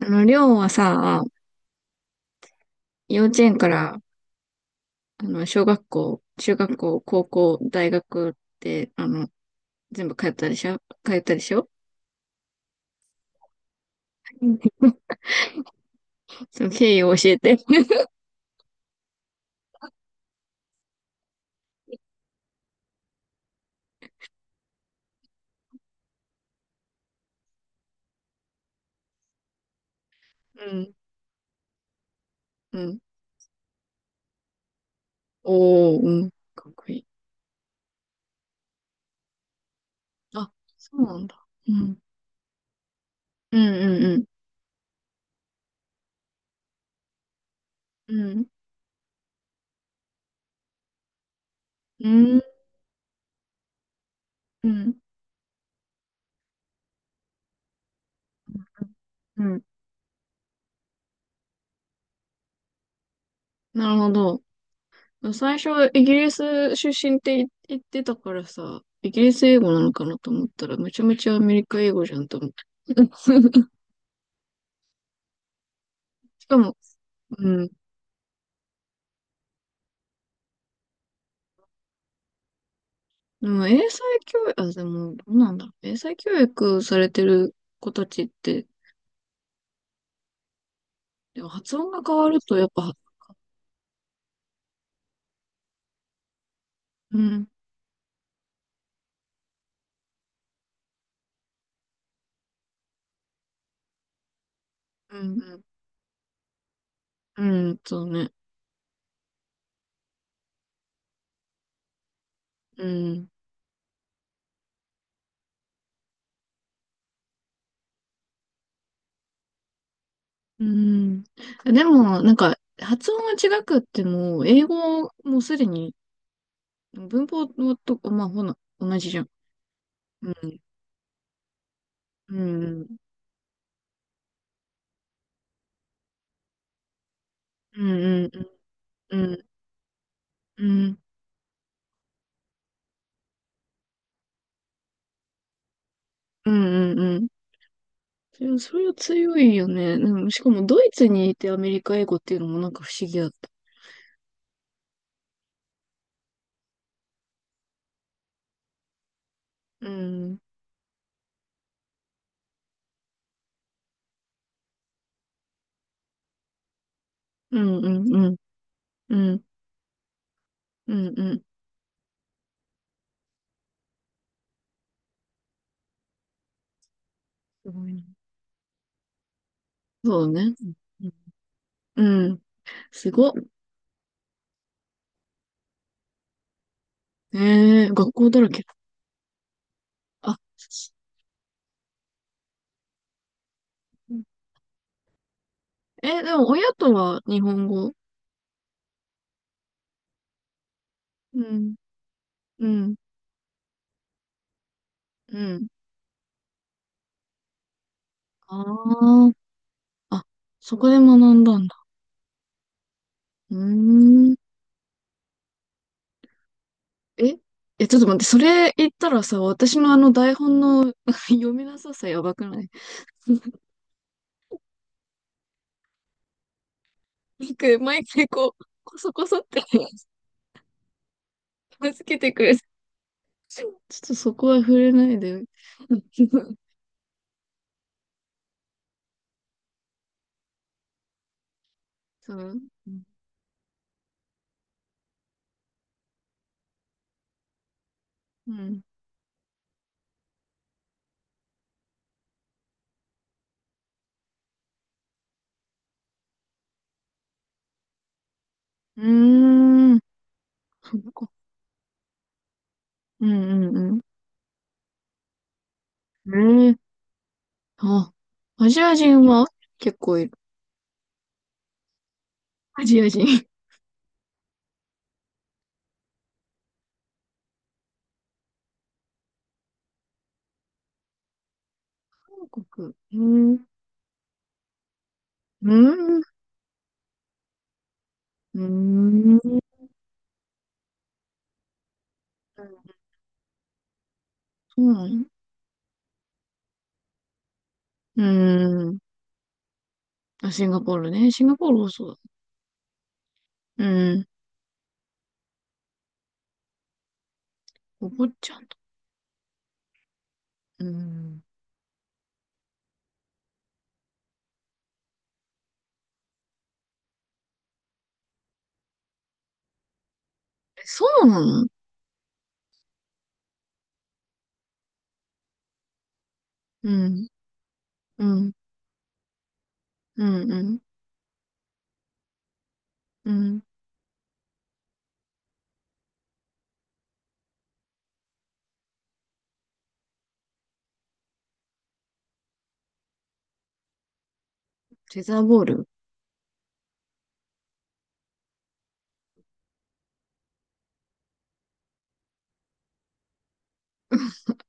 りょうはさ、幼稚園から、小学校、中学校、高校、大学って、全部通ったでしょ？その経緯を教えて。うん、うん。おー、うん。かっこいい。あ、そうなんだ。うん。うん、うん、うん。うん、うん、うん。うん。なるほど。最初、イギリス出身って言ってたからさ、イギリス英語なのかなと思ったら、めちゃめちゃアメリカ英語じゃんと思って。しかも、うん。でも英才教育、あ、でも、どうなんだろう。英才教育されてる子たちって、でも発音が変わると、やっぱ、うん、うん、うん、うん、そうね。うん、うん。でも、なんか、発音が違くっても、英語もすでに、文法のと、まあ、ほな、同じじゃん。うん、うん、うん、うん、うん、うん、うん、うん、うん、うん、それそれは強いよね。うん、しかも、ドイツにいてアメリカ英語っていうのもなんか不思議だった。うん。うんうんうん。うんうんうん。すごいな。そうね。うん。うん、すごっ。えー、学校だらけ。あ、うん、え、でも親とは日本語。うん、うん、うん。ああ、あ、そこで学んだんだ。うーん。え、え、ちょっと待って、それ言ったらさ、私のあの台本の 読みなささやばくない？なんか毎回こう、こそこそって 片けてくれる。ちょっとそこは触れないで。そう。うん。うん、うーん。そっか。うんうんうん。ええ、あ、アジア人は結構いる。アジア人。韓国。うん。うん。うん。そうなの？うん。あ、シンガポールね。シンガポールもそうだ。うん。お坊ちゃんと。うん。え、そうなの？うん。うん。うん。うん。うん。テザーボール。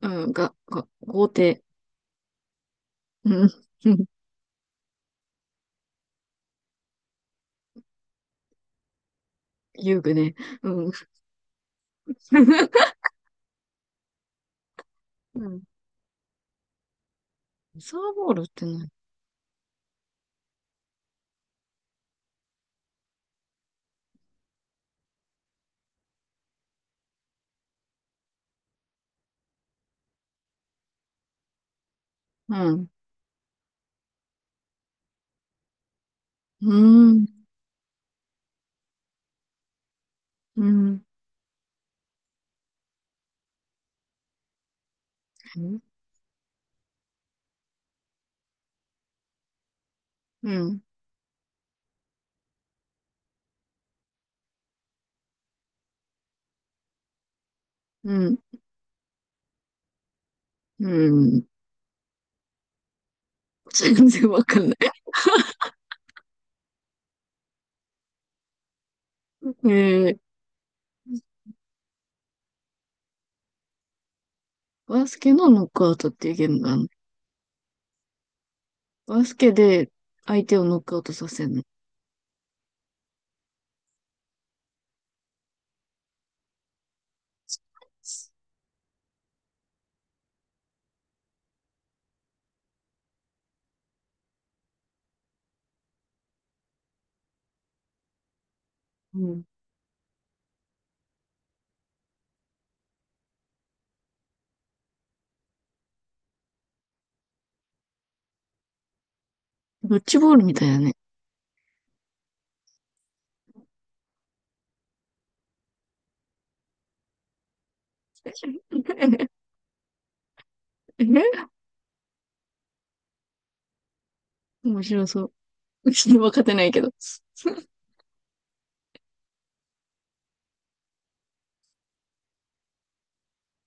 うん。が、が、豪邸。うん。うん、遊具ね。うん。うん、サーボールってね、うん、うーん、うん、うん、うん、うん。全然わかんない。えー、バスケのノックアウトっていうゲームがあるの？バスケで相手をノックアウトさせるの？うん。ドッジボールみたいだね。え、面白そう。うちに分かってないけど。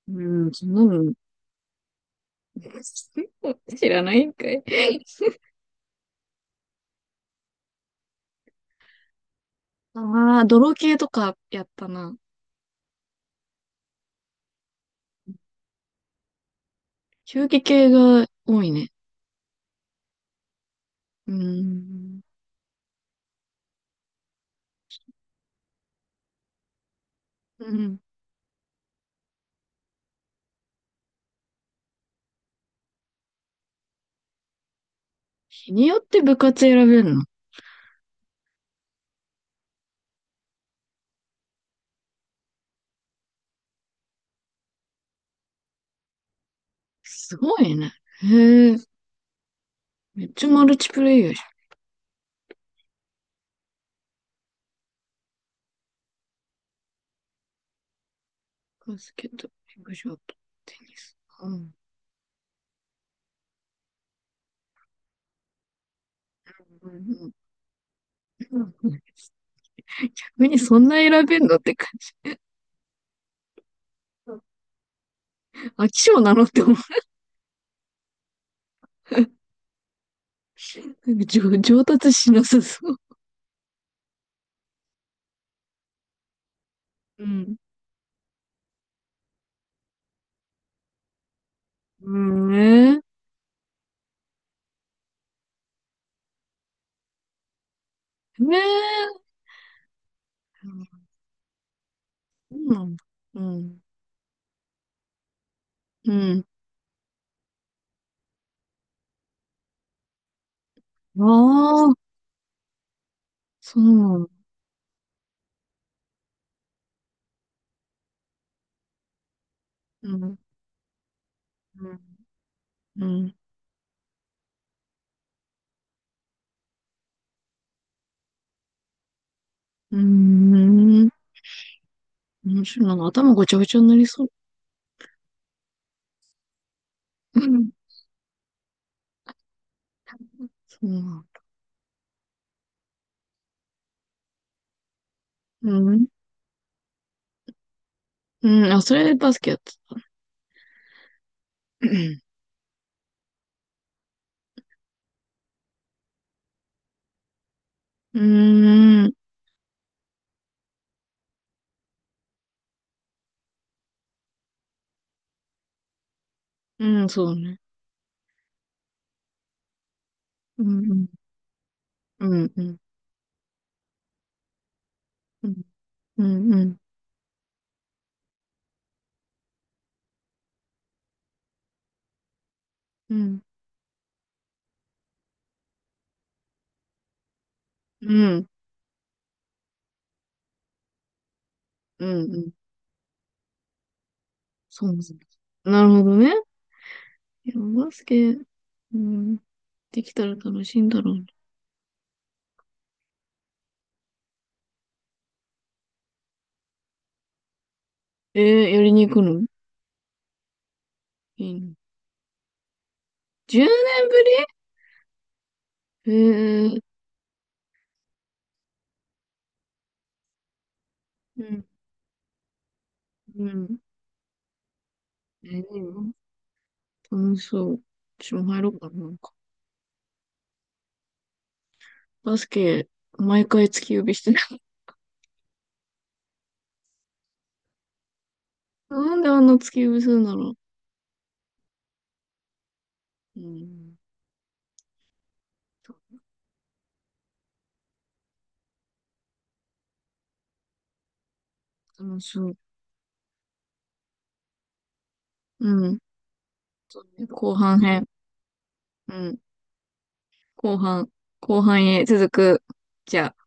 うん、そんなの、知らないんかい。ああ、泥系とかやったな。球技系が多いね。うん。うん、日によって部活選べるの？すごいね。へえ。めっちゃマルチプレイヤーじゃん。バスケット、フィグショット、テニス。うん。にそんな選べんのって感じ。飽き性なのって思う。なんか上達しなさそう。うん。うん、ね、ねえ。そうなんだ。うん。うん。ああ、そうなんだ。うん。うん。うん。うん。面白いな。頭ごちゃごちゃになりそう。うん。そうなんだ。うん。うん。あ、それでバスケやってた。うん。うーん。うん、そうね。うん、うん、うん、うん、うん、うん、うん、うん、うん、うん、うん、そうですね。なるほどね。いや、バスケ、うん、できたら楽しいんだろうな。えー、やりに行くの？いいの？ 10 年ぶり？えー、うん、うん。えー、いいの？楽しそう。私も入ろうかな、なんか。バスケ、毎回突き指してない？なんであんな突き指するんだろう。うん、楽しみ。うん。そうね、後半編。うん。後半、後半へ続く。じゃあ。